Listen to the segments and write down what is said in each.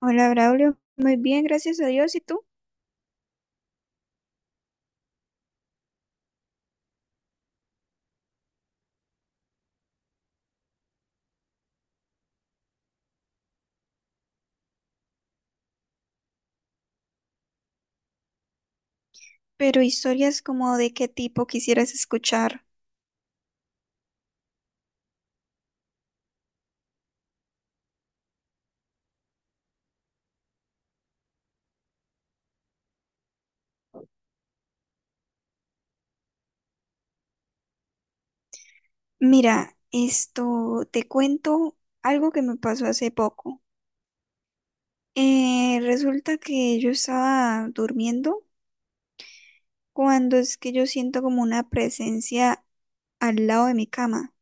Hola, Braulio. Muy bien, gracias a Dios. ¿Y tú? Pero historias como de qué tipo quisieras escuchar. Mira, esto te cuento algo que me pasó hace poco. Resulta que yo estaba durmiendo cuando es que yo siento como una presencia al lado de mi cama.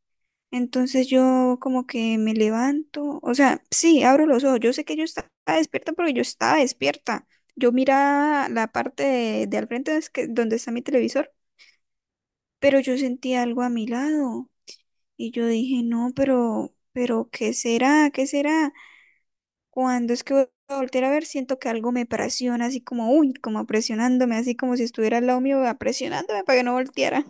Entonces yo como que me levanto, o sea, sí, abro los ojos. Yo sé que yo estaba despierta porque yo estaba despierta. Yo miraba la parte de al frente donde está mi televisor, pero yo sentí algo a mi lado y yo dije, no, pero, ¿qué será? ¿Qué será? Cuando es que voy a voltear a ver, siento que algo me presiona, así como, uy, como presionándome, así como si estuviera al lado mío, ah, presionándome para que no volteara.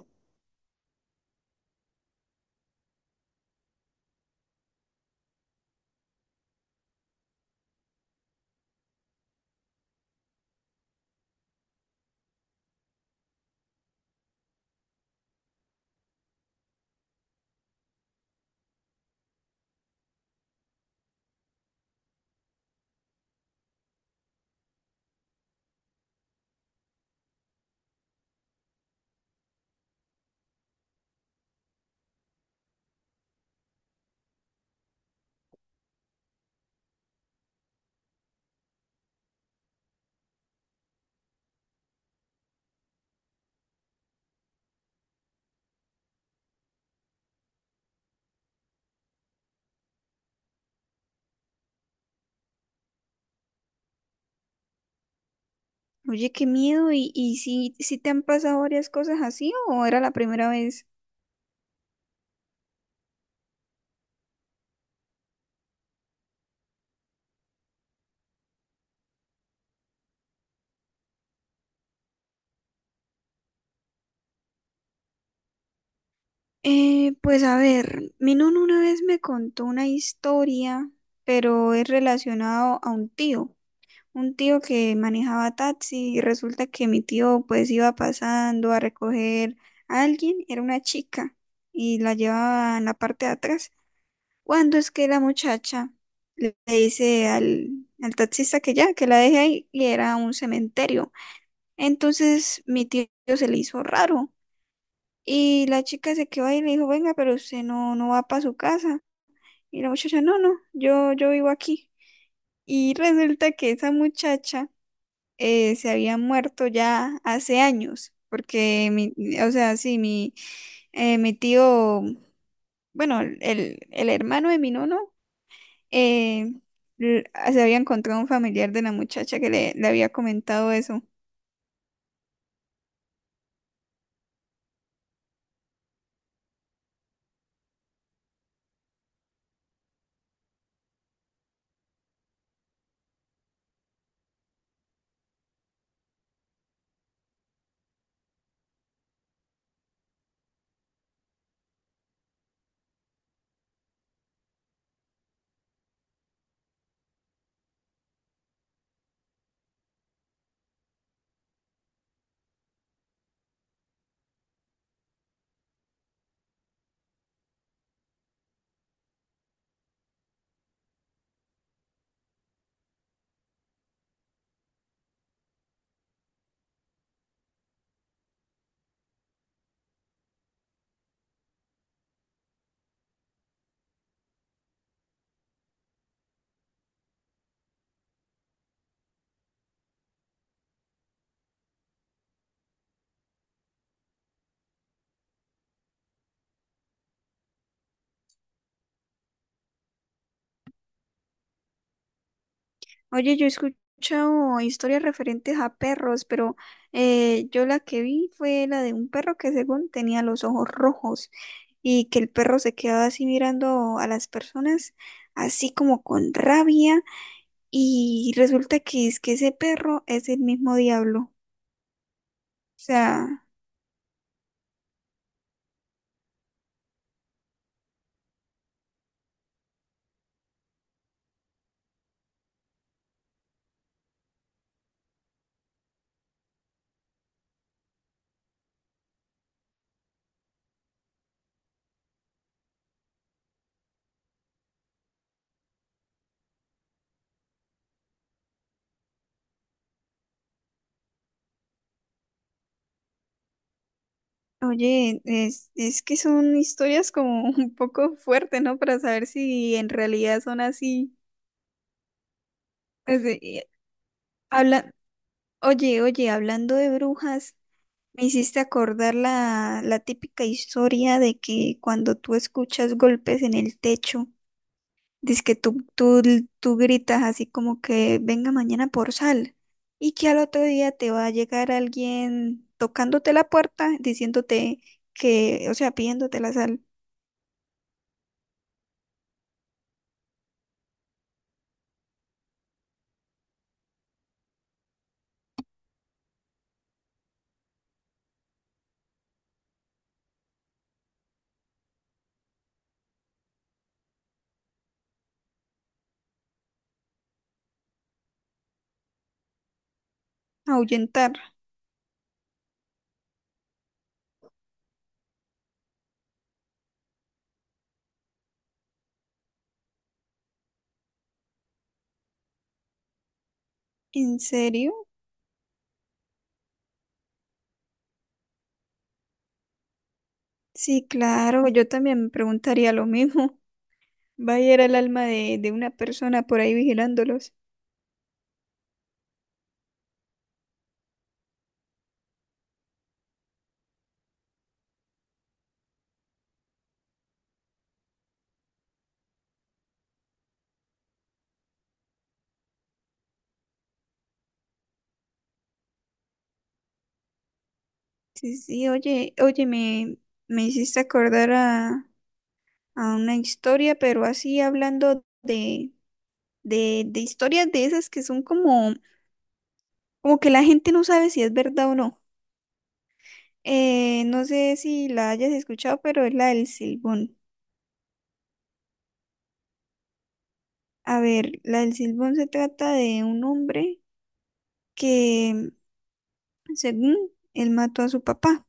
Oye, qué miedo, y si te han pasado varias cosas así o era la primera vez? Pues a ver, mi nona una vez me contó una historia, pero es relacionado a un tío. Un tío que manejaba taxi y resulta que mi tío pues iba pasando a recoger a alguien, era una chica y la llevaba en la parte de atrás. Cuando es que la muchacha le dice al taxista que ya, que la deje ahí, y era un cementerio. Entonces mi tío se le hizo raro y la chica se quedó ahí y le dijo, venga, pero usted no, no va para su casa. Y la muchacha, no, no, yo vivo aquí. Y resulta que esa muchacha se había muerto ya hace años, porque o sea, sí, mi tío, bueno, el hermano de mi nono, eh, l- se había encontrado un familiar de la muchacha que le había comentado eso. Oye, yo he escuchado historias referentes a perros, pero yo la que vi fue la de un perro que según tenía los ojos rojos y que el perro se quedaba así mirando a las personas, así como con rabia. Y resulta que es que ese perro es el mismo diablo. O sea, oye, es que son historias como un poco fuertes, ¿no? Para saber si en realidad son así. Pues, habla, oye, oye, hablando de brujas, me hiciste acordar la típica historia de que cuando tú escuchas golpes en el techo. Dice que tú gritas así como que venga mañana por sal y que al otro día te va a llegar alguien tocándote la puerta diciéndote que, o sea, pidiéndote la sal, ahuyentar. ¿En serio? Sí, claro, yo también me preguntaría lo mismo. Va a ir el alma de una persona por ahí vigilándolos. Sí, sí, oye, oye, me hiciste acordar a una historia, pero así hablando de historias de esas que son como. Como que la gente no sabe si es verdad o no. No sé si la hayas escuchado, pero es la del silbón. A ver, la del silbón se trata de un hombre que, según él mató a su papá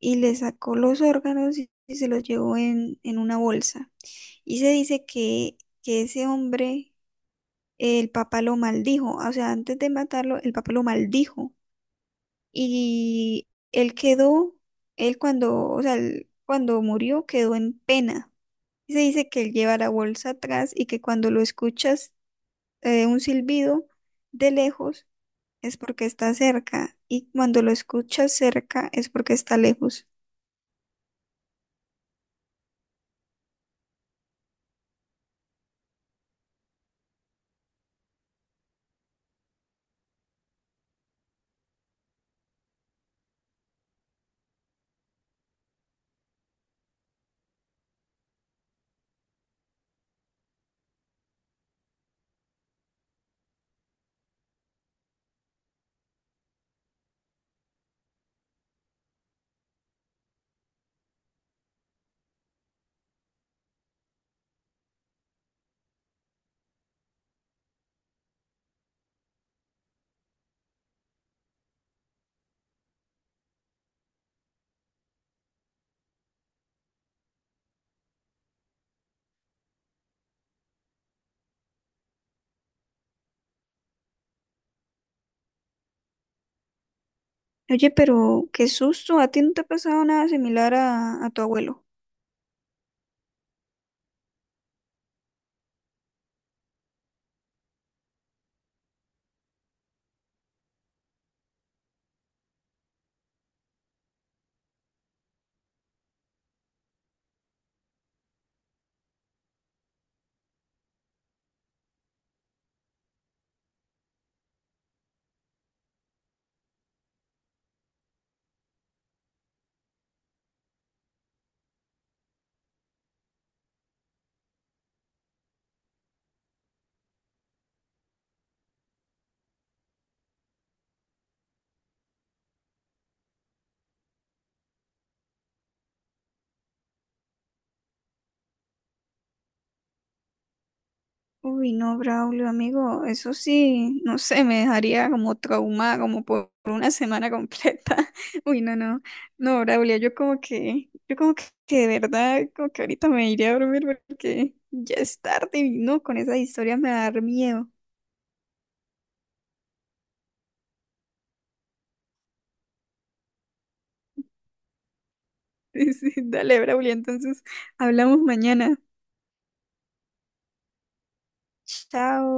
y le sacó los órganos y se los llevó en una bolsa. Y se dice que ese hombre, el papá lo maldijo. O sea, antes de matarlo, el papá lo maldijo. Y él quedó, él cuando, o sea, él cuando murió quedó en pena. Se dice que él lleva la bolsa atrás y que cuando lo escuchas un silbido de lejos, es porque está cerca, y cuando lo escuchas cerca es porque está lejos. Oye, pero qué susto, ¿a ti no te ha pasado nada similar a tu abuelo? Uy, no, Braulio, amigo, eso sí, no sé, me dejaría como traumada, como por una semana completa. Uy, no, no, no, Braulio, yo como que de verdad, como que ahorita me iré a dormir porque ya es tarde y no, con esa historia me va a dar miedo. Sí, sí, dale, Braulio, entonces hablamos mañana. Chao.